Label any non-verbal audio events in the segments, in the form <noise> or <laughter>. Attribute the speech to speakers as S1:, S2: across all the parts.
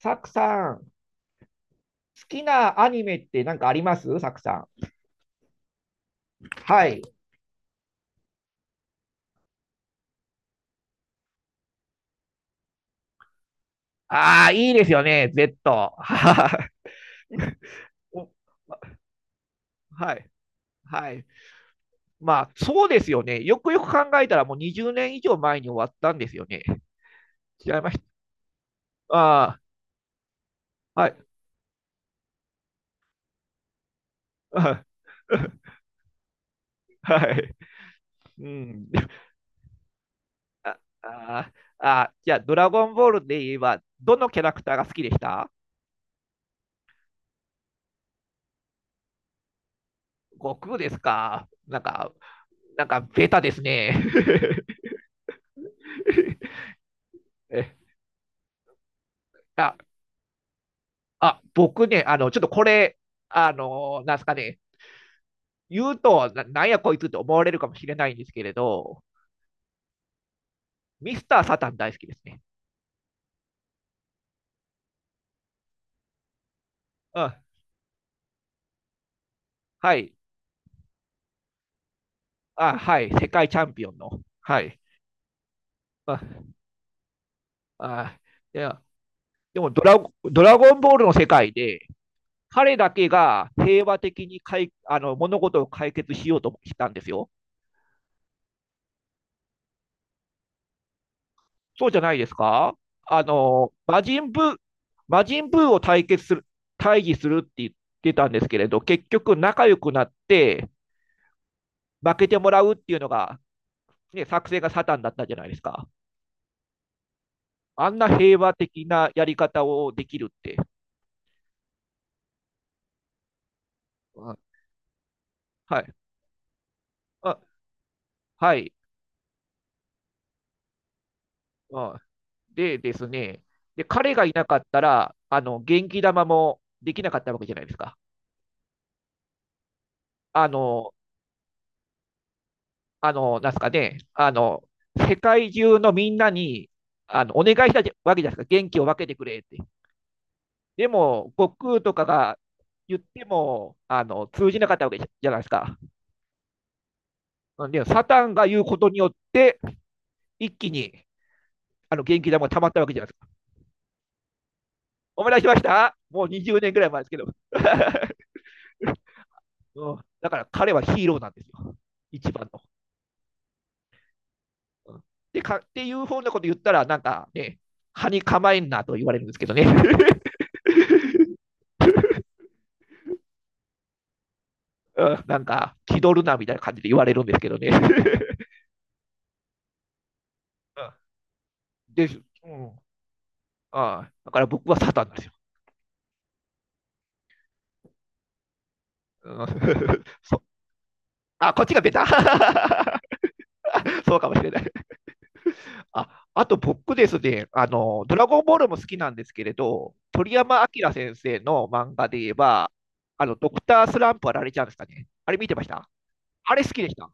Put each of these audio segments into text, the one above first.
S1: サクさん、好きなアニメって何かありますサクさん。はい。ああ、いいですよね、Z。<laughs> お、はい。はい。まあ、そうですよね。よくよく考えたら、もう20年以上前に終わったんですよね。違いました。ああ、はい。あ <laughs> はい。うん。ああー、あーじゃあ、ドラゴンボールで言えば、どのキャラクターが好きでした悟空ですか。なんか、ベタですね。<laughs> え、ああ、僕ね、ちょっとこれ、あの、なんすかね、言うと、なんやこいつって思われるかもしれないんですけれど、ミスター・サタン大好きですね。うん。はい。あ、はい。世界チャンピオンの。はい。あ、あ、いや、でもドラゴンボールの世界で、彼だけが平和的にかい、物事を解決しようとしたんですよ。そうじゃないですか。魔人ブー、魔人ブーを対決する、対峙するって言ってたんですけれど、結局仲良くなって負けてもらうっていうのが、ね、作戦がサタンだったじゃないですか。あんな平和的なやり方をできるって。うん、はい。あ、はい、うん。でですね、で、彼がいなかったら、元気玉もできなかったわけじゃないですか。あの、あの、なんすかね、あの、世界中のみんなに、お願いしたわけじゃないですか。元気を分けてくれって。でも、悟空とかが言っても、通じなかったわけじゃないですか。んで、サタンが言うことによって、一気に、元気玉が溜まったわけじゃないですか。思い出しました。もう20年ぐらい前ですけど。<laughs> うん、だから彼はヒーローなんですよ。一番の。うん、でかっていうふうなこと言ったら、なんかね、歯に構えんなと言われるんですけどね。<laughs> うん、なんか、気取るなみたいな感じで言われるんですけどね。<laughs> で、うん、あ、だから僕はサタンなんですよ。うん、<laughs> そ、あ、こっちがベタ。 <laughs> そうかもしれない。あ、あと僕ですね、ドラゴンボールも好きなんですけれど、鳥山明先生の漫画で言えば、ドクタースランプはラれちゃうんですかね。あれ見てましたあれ好きでした。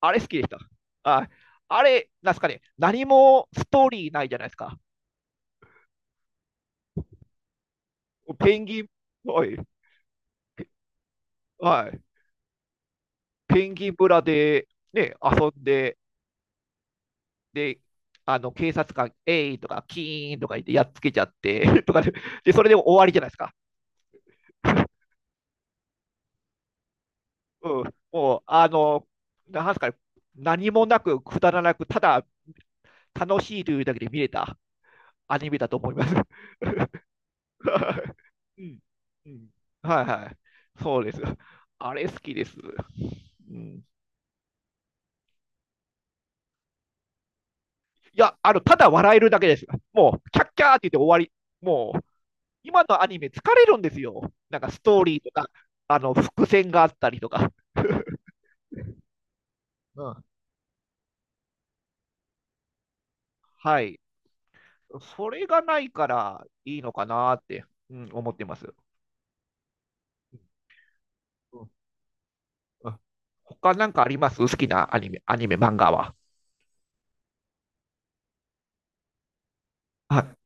S1: あれ好きでした。あ、あれ、なんですかね、何もストーリーないじゃないですか。ペンギン、はい、はい。ペンギン村で、ね、遊んで、で、あの警察官、えいとか、キーンとか言ってやっつけちゃって <laughs> とかで、で、それでも終わりじゃないですか。<laughs> うん、もう、あの、なんすかね、何もなく、くだらなく、ただ楽しいというだけで見れたアニメだと思います。<laughs> うん、うん、はいはい。そうです。あれ好きです。うん、いや、ただ笑えるだけです。もう、キャッキャーって言って終わり。もう、今のアニメ疲れるんですよ。なんかストーリーとか、伏線があったりとか。うん。はい。それがないからいいのかなって、うん、思ってます。うん、うん、他なんかあります、好きなアニメ、アニメ、漫画は。はい。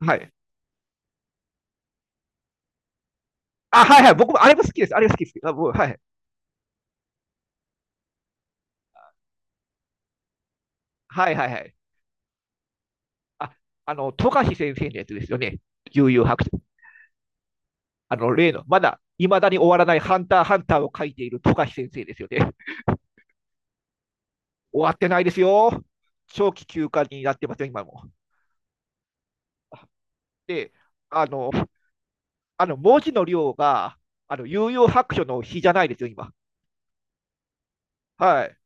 S1: はい。あ、はいはい。僕もあれも好きです。あれ好きです。あ、もうはい。はいはいはい。あ、富樫先生のやつですよね。悠々白書。あの、例の、まだ、いまだに終わらないハンターハンターを書いている富樫先生ですよね。終わってないですよ。長期休暇になってますよ、今も。で、あの、あの文字の量が、有用白書の日じゃないですよ、今。はい。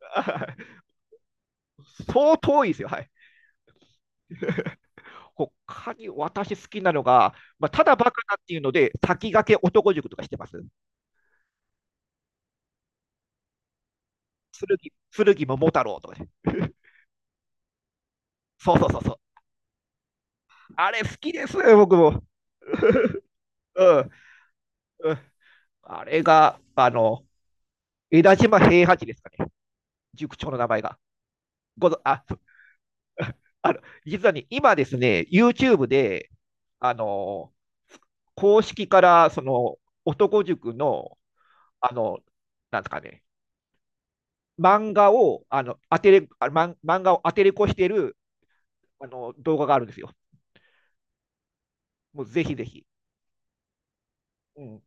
S1: <laughs> 相当いいですよ、はい。他に私好きなのが、まあ、ただバカだっていうので、先駆け男塾とかしてます。剣桃太郎とかね。<laughs> そうそうそうそう。あれ好きですよ、僕も。<laughs> うん、うん。あれが、江田島平八ですかね。塾長の名前が。ごぞあ、あの、実はね、今ですね、YouTube で、あの、公式から、その、男塾の、あの、なんですかね、漫画を、あの、当てれ、あ、漫漫画を当てれこしてる、動画があるんですよ。もうぜひぜひ。うん。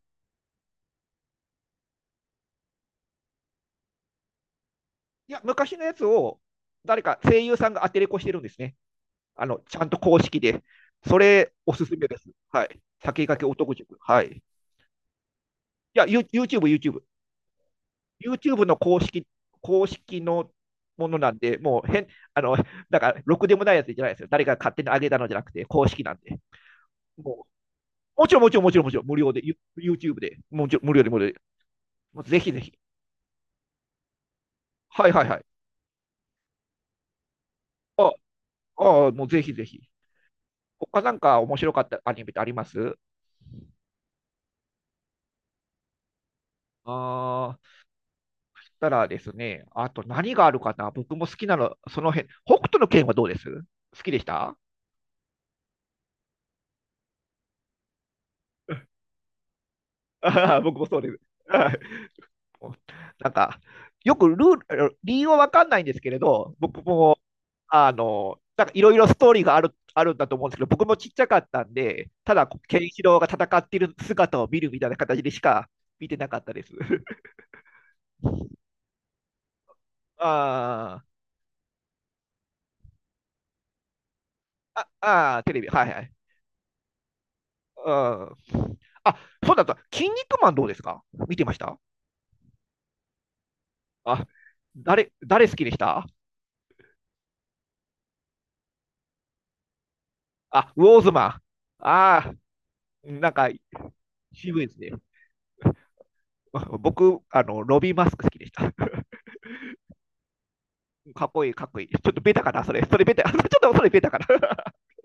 S1: いや、昔のやつを、誰か声優さんが当てれこしてるんですね。ちゃんと公式で。それ、おすすめです。はい。先駆け男塾。はい。いや、YouTube、YouTube。YouTube の公式、公式のものなんで、もう変、あの、だから、ろくでもないやつじゃないですよ。誰か勝手に上げたのじゃなくて、公式なんで。もうもちろん、もちろん、もちろん、もちろん、無料で、YouTube で、もちろん無料で、無料で。もうぜひぜひ。はいはいはい。あ、ああ、もうぜひぜひ。他なんか面白かったアニメってありますああ、そしたらですね、あと何があるかな、僕も好きなの、その辺。北斗の拳はどうです好きでしたああ、僕もそうです。はい <laughs> なんか、よくルール、理由は分かんないんですけれど、僕も、なんかいろいろストーリーがあるんだと思うんですけど、僕もちっちゃかったんで、ただ、ケンシロウが戦っている姿を見るみたいな形でしか見てなかったです。<laughs> ああ、ああ、テレビ、はいはい。うん。あ、そうだった。筋肉マンどうですか、見てましたあ、誰、誰好きでしたあ、ウォーズマン。ああ、なんか、渋いですね。僕、ロビーマスク好きでした。かっこいい、かっこいい。ちょっとベタかな、それ。それベタ。<laughs> ちょっとそれベタかな。<laughs>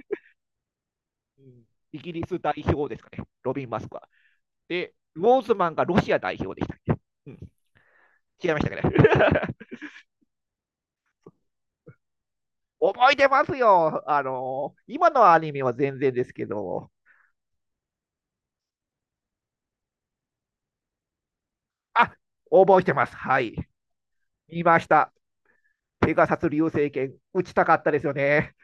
S1: うん、イギリス代表ですかね、ロビン・マスクは。で、ウォーズマンがロシア代表でしたっけ、うん、違いましたかね。<laughs> 覚えてますよ。あのー今のアニメは全然ですけど、あ、覚えてます。はい。見ました。ペガサス流星拳、打ちたかったですよね。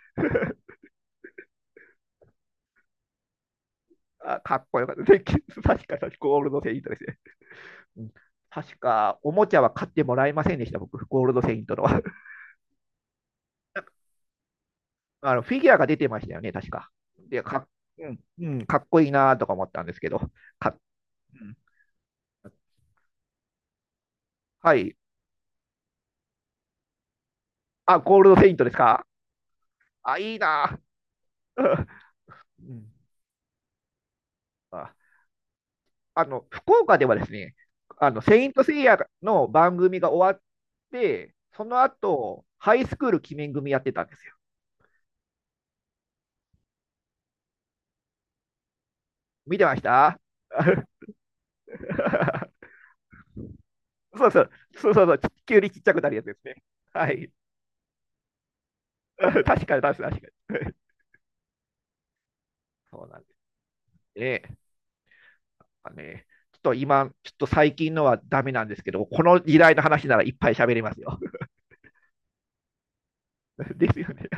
S1: あ、かっこよかった。で、確か、ゴールドセイントですね。うん、確か、おもちゃは買ってもらえませんでした、僕、ゴールドセイントのは。あのフィギュアが出てましたよね、確か。でか,、うんうん、かっこいいなとか思ったんですけど。か、うん、はい。あ、ゴールドセイントですか。あ、いいなぁ <laughs> うん、あ、あの、福岡ではですね、セイントセイヤの番組が終わって、その後、ハイスクール鬼面組やってたんですよ。見てました <laughs> そうそう、そうそうそう、ち、急にちっちゃくなるやつですね。はい。<laughs> 確かに、確かに。<laughs> 確かに、そうなんですね。かね。ちょっと今、ちょっと最近のはダメなんですけど、この時代の話ならいっぱい喋れますよ。<laughs> ですよね。